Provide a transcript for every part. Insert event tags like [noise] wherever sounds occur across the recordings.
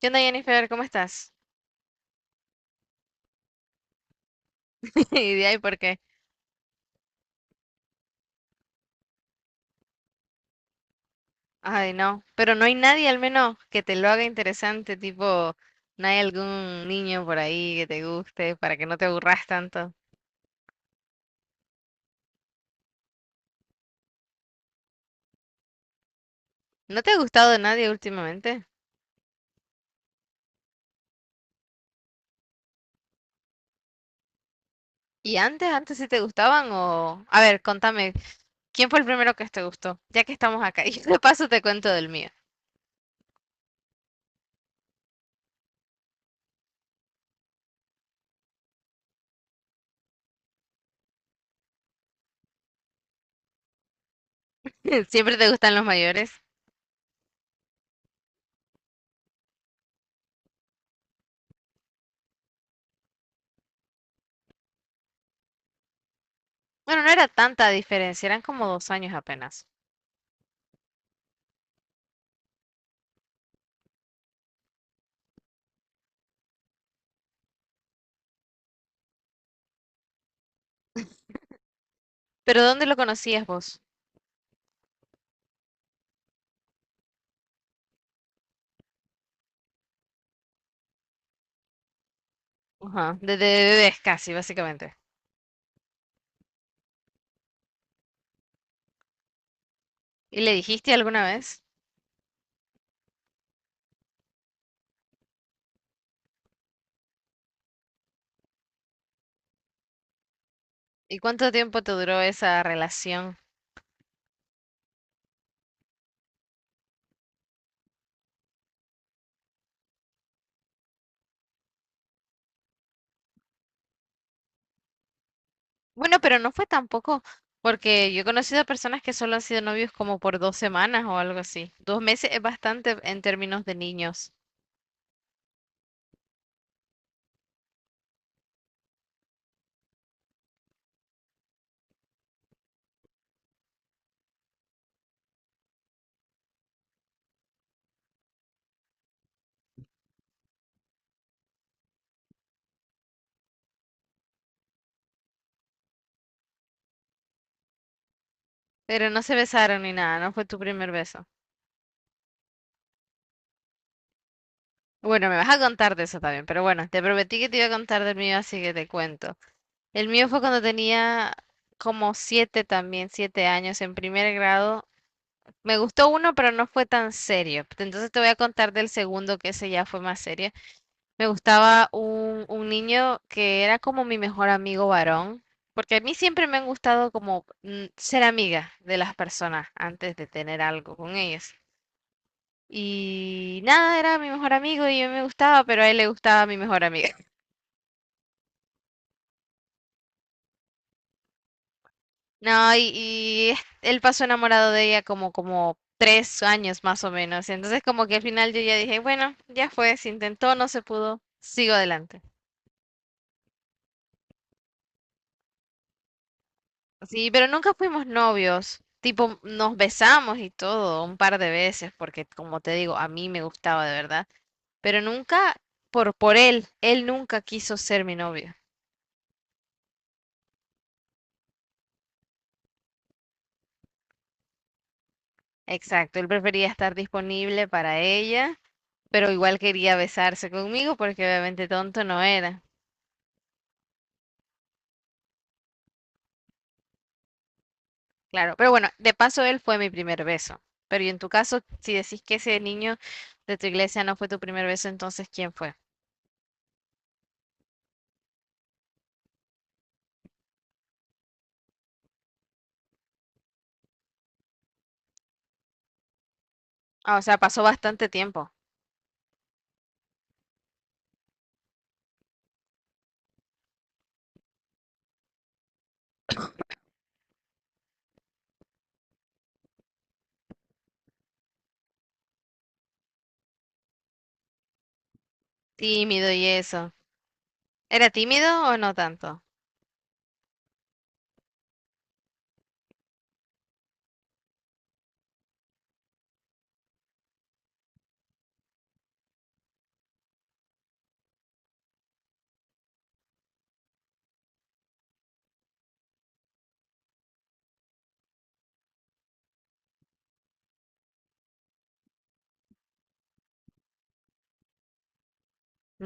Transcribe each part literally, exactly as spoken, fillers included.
¿Qué onda, Jennifer? ¿Cómo estás? [laughs] Y de ahí porque, ay, no, pero no hay nadie al menos que te lo haga interesante, tipo, no hay algún niño por ahí que te guste para que no te aburras tanto. ¿No te ha gustado nadie últimamente? ¿Y antes, antes sí te gustaban o...? A ver, contame, ¿quién fue el primero que te gustó? Ya que estamos acá, [laughs] y de paso te cuento del mío. [laughs] ¿Siempre te gustan los mayores? Bueno, no era tanta diferencia, eran como dos años apenas. ¿Pero dónde lo conocías vos? Ajá, desde bebés casi, básicamente. ¿Y le dijiste alguna vez? ¿Y cuánto tiempo te duró esa relación? Bueno, pero no fue tampoco, porque yo he conocido personas que solo han sido novios como por dos semanas o algo así. Dos meses es bastante en términos de niños, pero no se besaron ni nada, no fue tu primer beso. Bueno, me vas a contar de eso también, pero bueno, te prometí que te iba a contar del mío, así que te cuento. El mío fue cuando tenía como siete también, siete años en primer grado. Me gustó uno, pero no fue tan serio. Entonces te voy a contar del segundo, que ese ya fue más serio. Me gustaba un, un niño que era como mi mejor amigo varón, porque a mí siempre me han gustado como mm, ser amiga de las personas antes de tener algo con ellas. Y nada, era mi mejor amigo y yo me gustaba, pero a él le gustaba mi mejor amiga. No, y, y él pasó enamorado de ella como, como tres años más o menos. Entonces como que al final yo ya dije, bueno, ya fue, se intentó, no se pudo, sigo adelante. Sí, pero nunca fuimos novios. Tipo, nos besamos y todo un par de veces, porque como te digo, a mí me gustaba de verdad. Pero nunca por, por él, él nunca quiso ser mi novio. Exacto, él prefería estar disponible para ella, pero igual quería besarse conmigo porque obviamente tonto no era. Claro, pero bueno, de paso él fue mi primer beso. Pero y en tu caso, si decís que ese niño de tu iglesia no fue tu primer beso, entonces ¿quién fue? Ah, o sea, pasó bastante tiempo. Tímido y eso. ¿Era tímido o no tanto?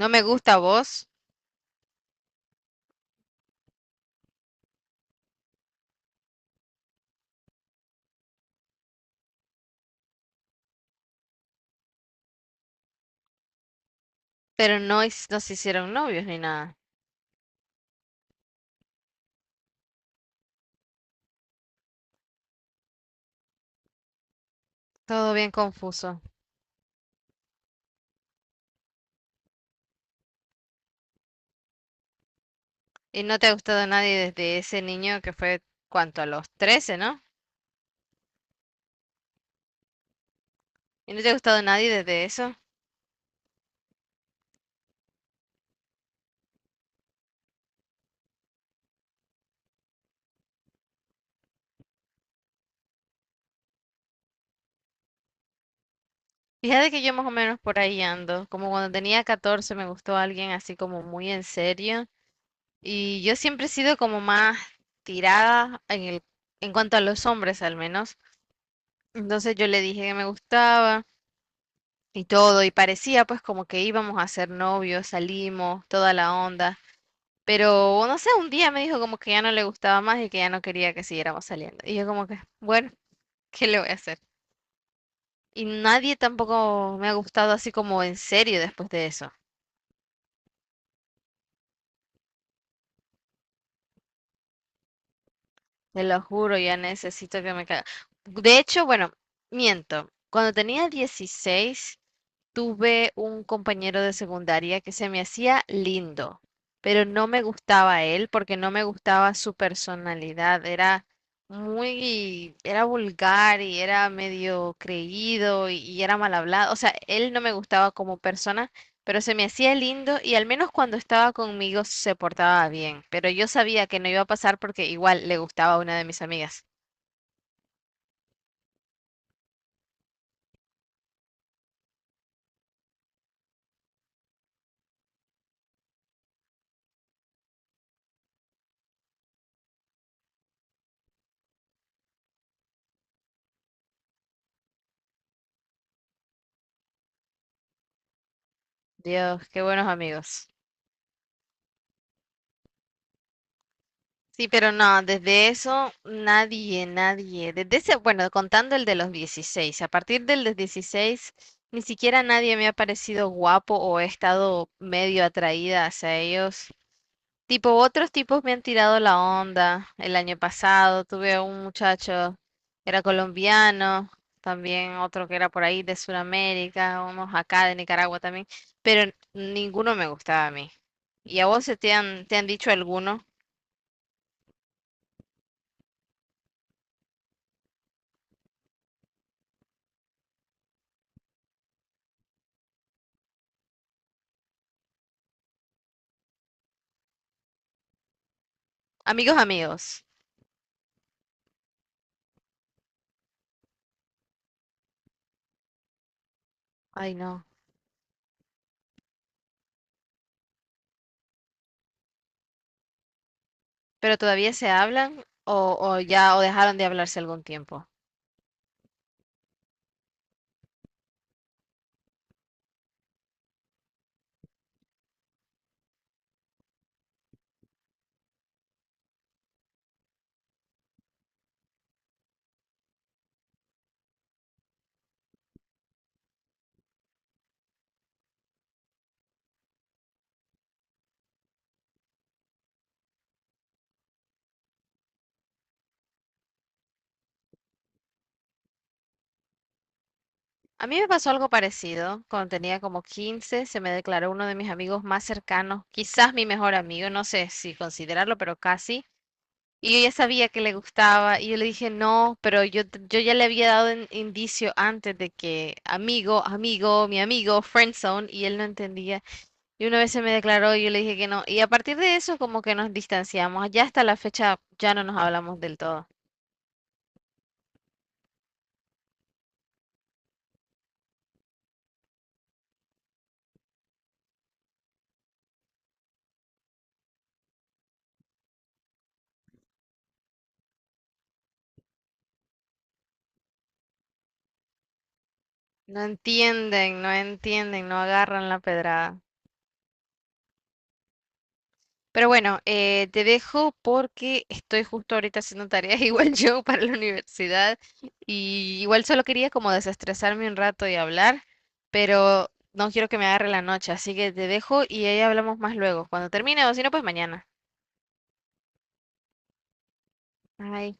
No me gusta vos, pero no, his- no se hicieron novios ni nada. Todo bien confuso. Y no te ha gustado nadie desde ese niño que fue, ¿cuánto? A los trece, ¿no? Y no te ha gustado nadie desde eso. Fíjate que yo más o menos por ahí ando. Como cuando tenía catorce me gustó alguien así como muy en serio. Y yo siempre he sido como más tirada en el, en cuanto a los hombres al menos. Entonces yo le dije que me gustaba y todo, y parecía pues como que íbamos a ser novios, salimos, toda la onda. Pero no sé, un día me dijo como que ya no le gustaba más y que ya no quería que siguiéramos saliendo. Y yo como que, bueno, ¿qué le voy a hacer? Y nadie tampoco me ha gustado así como en serio después de eso. Te lo juro, ya necesito que me caiga. De hecho, bueno, miento. Cuando tenía dieciséis. Tuve un compañero de secundaria que se me hacía lindo, pero no me gustaba él porque no me gustaba su personalidad. Era muy, era vulgar y era medio creído y, y era mal hablado. O sea, él no me gustaba como persona, pero se me hacía lindo y al menos cuando estaba conmigo se portaba bien. Pero yo sabía que no iba a pasar porque igual le gustaba a una de mis amigas. Dios, qué buenos amigos. Sí, pero no, desde eso nadie, nadie. Desde ese, bueno, contando el de los dieciséis, a partir del de dieciséis ni siquiera nadie me ha parecido guapo o he estado medio atraída hacia ellos. Tipo, otros tipos me han tirado la onda. El año pasado tuve a un muchacho, era colombiano, también otro que era por ahí de Sudamérica, unos acá de Nicaragua también, pero ninguno me gustaba a mí. ¿Y a vos se te han, te han dicho alguno? Amigos, amigos. Ay, no. ¿Pero todavía se hablan o, o ya o dejaron de hablarse algún tiempo? A mí me pasó algo parecido. Cuando tenía como quince, se me declaró uno de mis amigos más cercanos, quizás mi mejor amigo, no sé si considerarlo, pero casi. Y yo ya sabía que le gustaba y yo le dije no, pero yo, t- yo ya le había dado in- indicio antes de que amigo, amigo, mi amigo, friendzone, y él no entendía. Y una vez se me declaró y yo le dije que no. Y a partir de eso como que nos distanciamos. Ya hasta la fecha ya no nos hablamos del todo. No entienden, no entienden, no agarran la pedrada. Pero bueno, eh, te dejo porque estoy justo ahorita haciendo tareas [laughs] igual yo para la universidad y igual solo quería como desestresarme un rato y hablar, pero no quiero que me agarre la noche, así que te dejo y ahí hablamos más luego, cuando termine o si no, pues mañana. Bye.